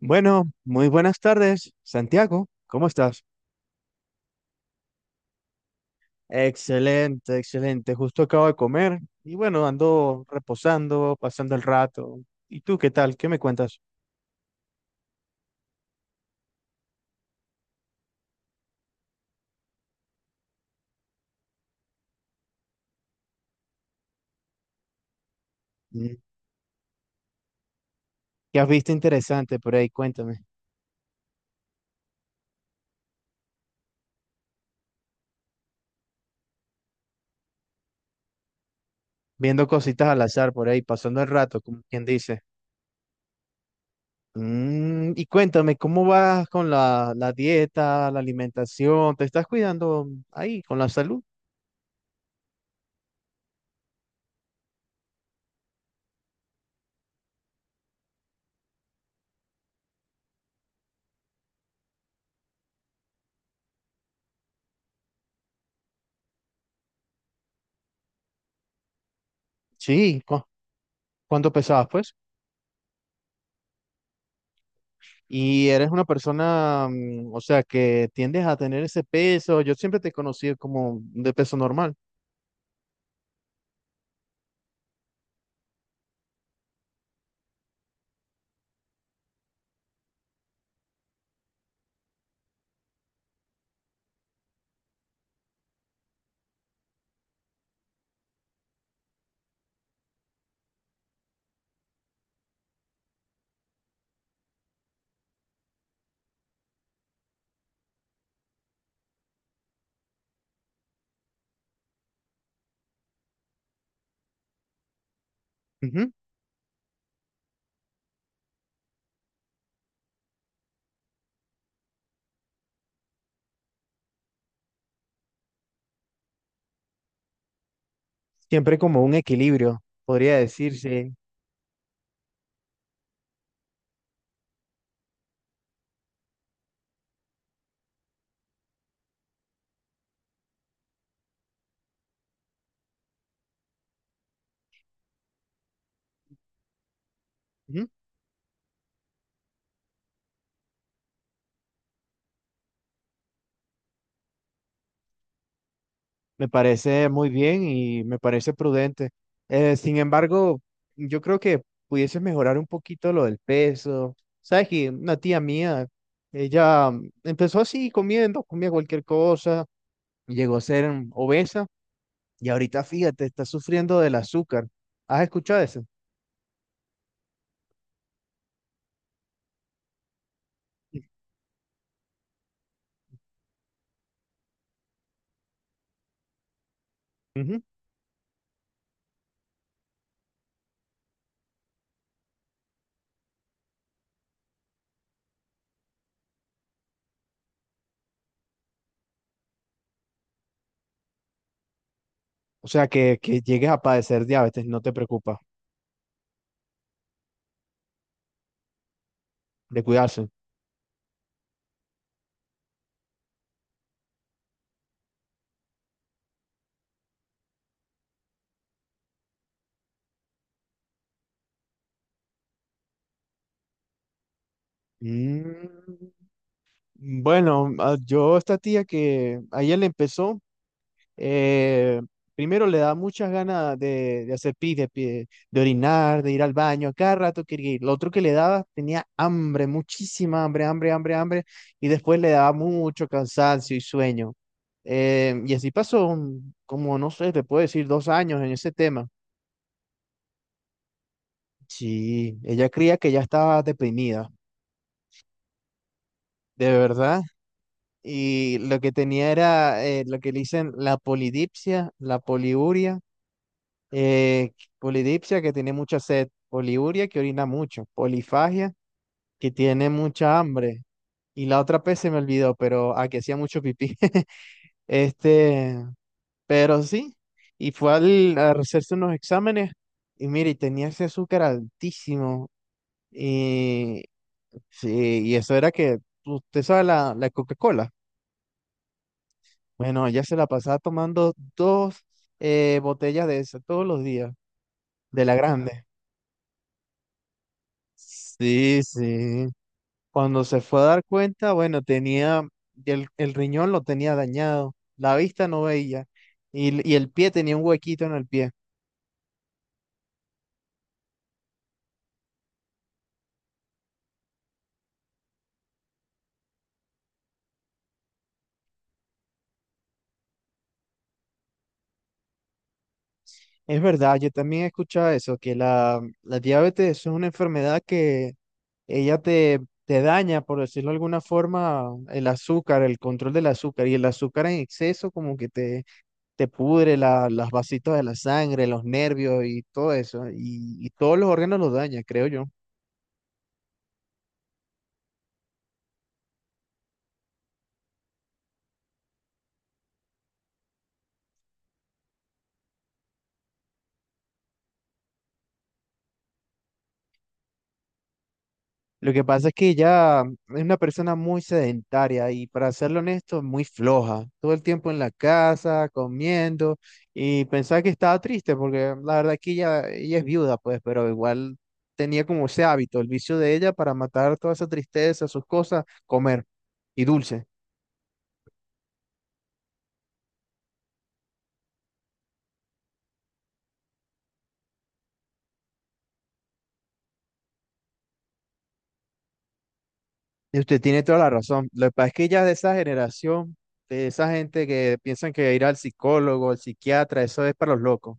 Bueno, muy buenas tardes, Santiago. ¿Cómo estás? Excelente, excelente. Justo acabo de comer y bueno, ando reposando, pasando el rato. ¿Y tú qué tal? ¿Qué me cuentas? Mm. ¿Qué has visto interesante por ahí? Cuéntame. Viendo cositas al azar por ahí, pasando el rato, como quien dice. Mm, y cuéntame, ¿cómo vas con la dieta, la alimentación? ¿Te estás cuidando ahí con la salud? Sí, ¿cu- ¿cuánto pesabas, pues? Y eres una persona, mm, o sea, que tiendes a tener ese peso. Yo siempre te he conocido como de peso normal. Ujú. Siempre como un equilibrio, podría decirse. Ujú. Me parece muy bien y me parece prudente. Sin embargo, yo creo que pudieses mejorar un poquito lo del peso. Sabes que una tía mía, ella mm, empezó así comiendo, comía cualquier cosa, llegó a ser mm, obesa y ahorita, fíjate, está sufriendo del azúcar. ¿Has escuchado eso? Ujú. O sea, que llegues a padecer diabetes, no te preocupa, de cuidarse. Mm, bueno, ah, yo esta tía que ayer le empezó, eh, primero le da muchas ganas de hacer pis, de, pi- de orinar, de ir al baño, a cada rato quería ir. Lo otro que le daba tenía hambre, muchísima hambre, hambre, hambre, hambre, y después le daba mucho cansancio y sueño. Y así pasó un- como, no sé, te puedo decir, 2 años en ese tema. Sí, ella creía que ya estaba deprimida, de verdad. Y lo que tenía era lo que le dicen la polidipsia, la poliuria, eh, polidipsia que tiene mucha sed, poliuria que orina mucho, polifagia que tiene mucha hambre. Y la otra P se me olvidó, pero a que hacía mucho pipí. Este, pero sí. Y fue al, a hacerse unos exámenes y mire, tenía ese azúcar altísimo. Sí, y eso era que, usted sabe la Coca-Cola. Bueno, ella se la pasaba tomando dos botellas de esa todos los días, de la grande. Sí, sí. Cuando se fue a dar cuenta, bueno, tenía, el riñón lo tenía dañado, la vista no veía y, l- y el pie tenía un huequito en el pie. Es verdad, yo también he escuchado eso, que la diabetes es una enfermedad ella te, te daña, por decirlo de alguna forma, el azúcar, el control del azúcar, y el azúcar en exceso como que te pudre la, las vasitos de la sangre, los nervios y todo eso, y todos los órganos los daña, creo yo. Lo que pasa es que ella es una persona muy sedentaria y para serlo honesto, muy floja. Todo el tiempo en la casa, comiendo y pensaba que estaba triste porque la verdad que ella es viuda, pues, pero igual tenía como ese hábito, el vicio de ella para matar toda esa tristeza, sus cosas, comer y dulce. Y usted tiene toda la razón. Lo que pasa es que ella es de esa generación, de esa gente que piensan que ir al psicólogo, al psiquiatra, eso es para los locos.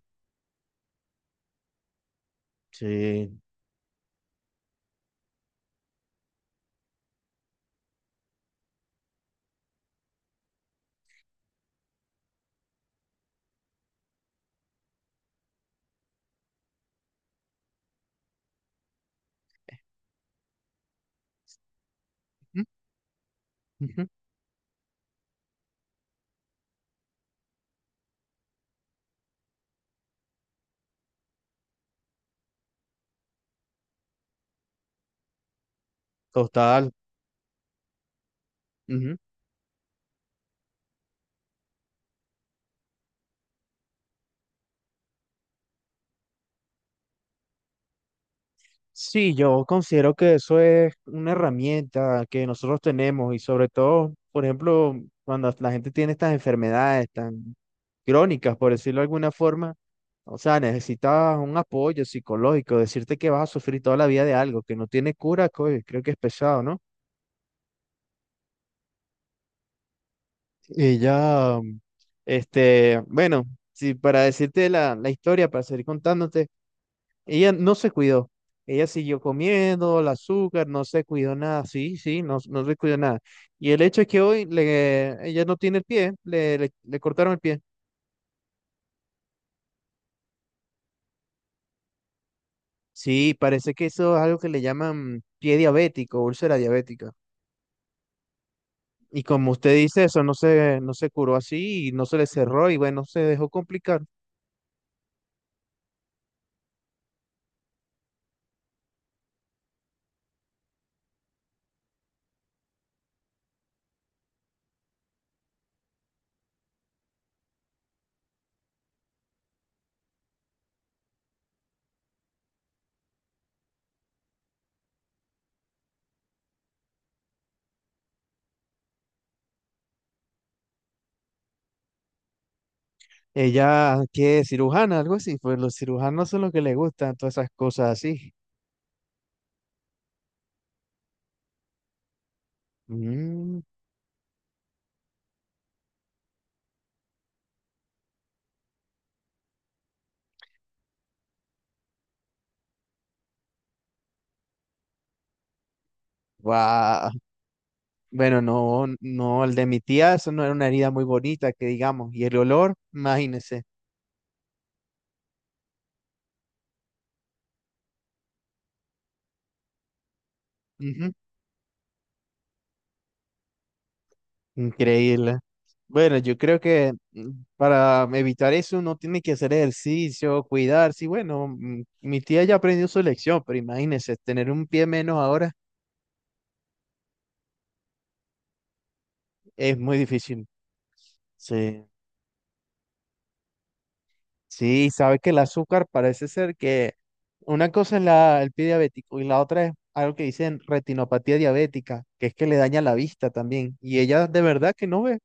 Sí. Ujú, ujú. Total. Ujú. Sí, yo considero que eso es una herramienta que nosotros tenemos y sobre todo, por ejemplo, cuando la gente tiene estas enfermedades tan crónicas, por decirlo de alguna forma, o sea, necesitas un apoyo psicológico, decirte que vas a sufrir toda la vida de algo que no tiene cura, coño, creo que es pesado, ¿no? Y ya, este, bueno, si para decirte la historia, para seguir contándote. Ella no se cuidó. Ella siguió comiendo el azúcar, no se cuidó nada. Sí, sí, no, no se cuidó nada. Y el hecho es que hoy le, ella no tiene el pie, le cortaron el pie. Sí, parece que eso es algo que le llaman pie diabético, úlcera diabética. Y como usted dice, eso no se, no se curó así y no se le cerró y bueno, se dejó complicar. Ella, qué cirujana, algo así, pues los cirujanos son los que les gustan todas esas cosas así. Mm, guau. Bueno, no, no, el de mi tía, eso no era una herida muy bonita, que digamos, y el olor, imagínese. Ujú, increíble. Bueno, yo creo que mm, para evitar eso uno tiene que hacer ejercicio, cuidarse. Y bueno, mm, mi tía ya aprendió su lección, pero imagínese, tener un pie menos ahora es muy difícil. Sí. Sí, sabe que el azúcar parece ser que una cosa es la, el pie diabético y la otra es algo que dicen retinopatía diabética, que es que le daña la vista también. Y ella de verdad que no ve,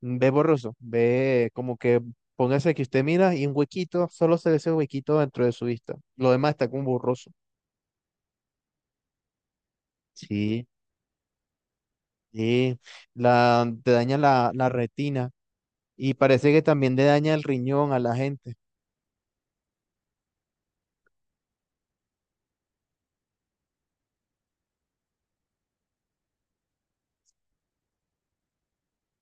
ve borroso, ve como que póngase que usted mira y un huequito, solo se ve ese huequito dentro de su vista. Lo demás está como borroso. Sí, sí, la, te daña la retina y parece que también le daña el riñón a la gente.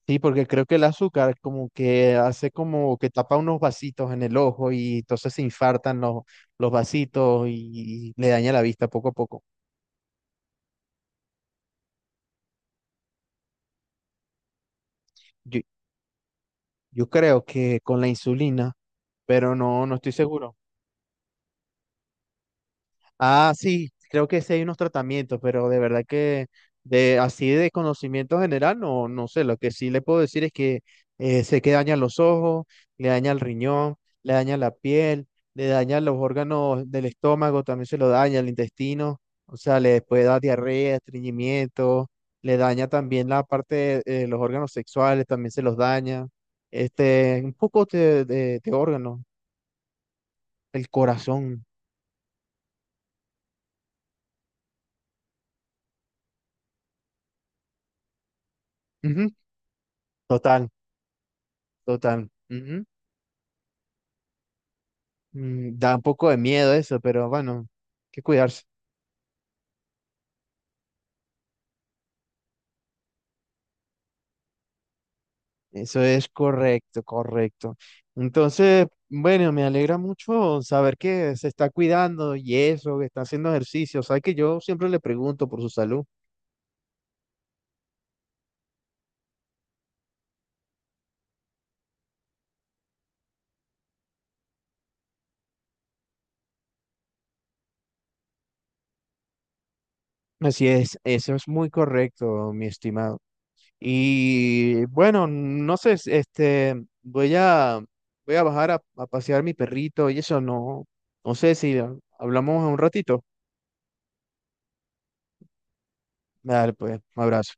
Sí, porque creo que el azúcar como que hace como que tapa unos vasitos en el ojo y entonces se infartan los vasitos y le daña la vista poco a poco. Yo, yo creo que con la insulina, pero no, no estoy seguro. Ah, sí, creo que sí hay unos tratamientos, pero de verdad que de así de conocimiento general, no, no sé, lo que sí le puedo decir es que sé que daña los ojos, le daña el riñón, le daña la piel, le daña los órganos del estómago, también se lo daña el intestino, o sea, le puede dar diarrea, estreñimiento, le daña también la parte de los órganos sexuales, también se los daña, este, un poco de órganos, el corazón, ujú, total, total. Ujú. Mm, da un poco de miedo eso, pero bueno, hay que cuidarse. Eso es correcto, correcto. Entonces, bueno, me alegra mucho saber que se está cuidando y eso, que está haciendo ejercicio. Sabes que yo siempre le pregunto por su salud. Así es, eso es muy correcto, mi estimado. Y bueno, no sé, s- este, voy a, voy a bajar a pasear mi perrito y eso no, no sé si hablamos un ratito. Dale, pues, un abrazo.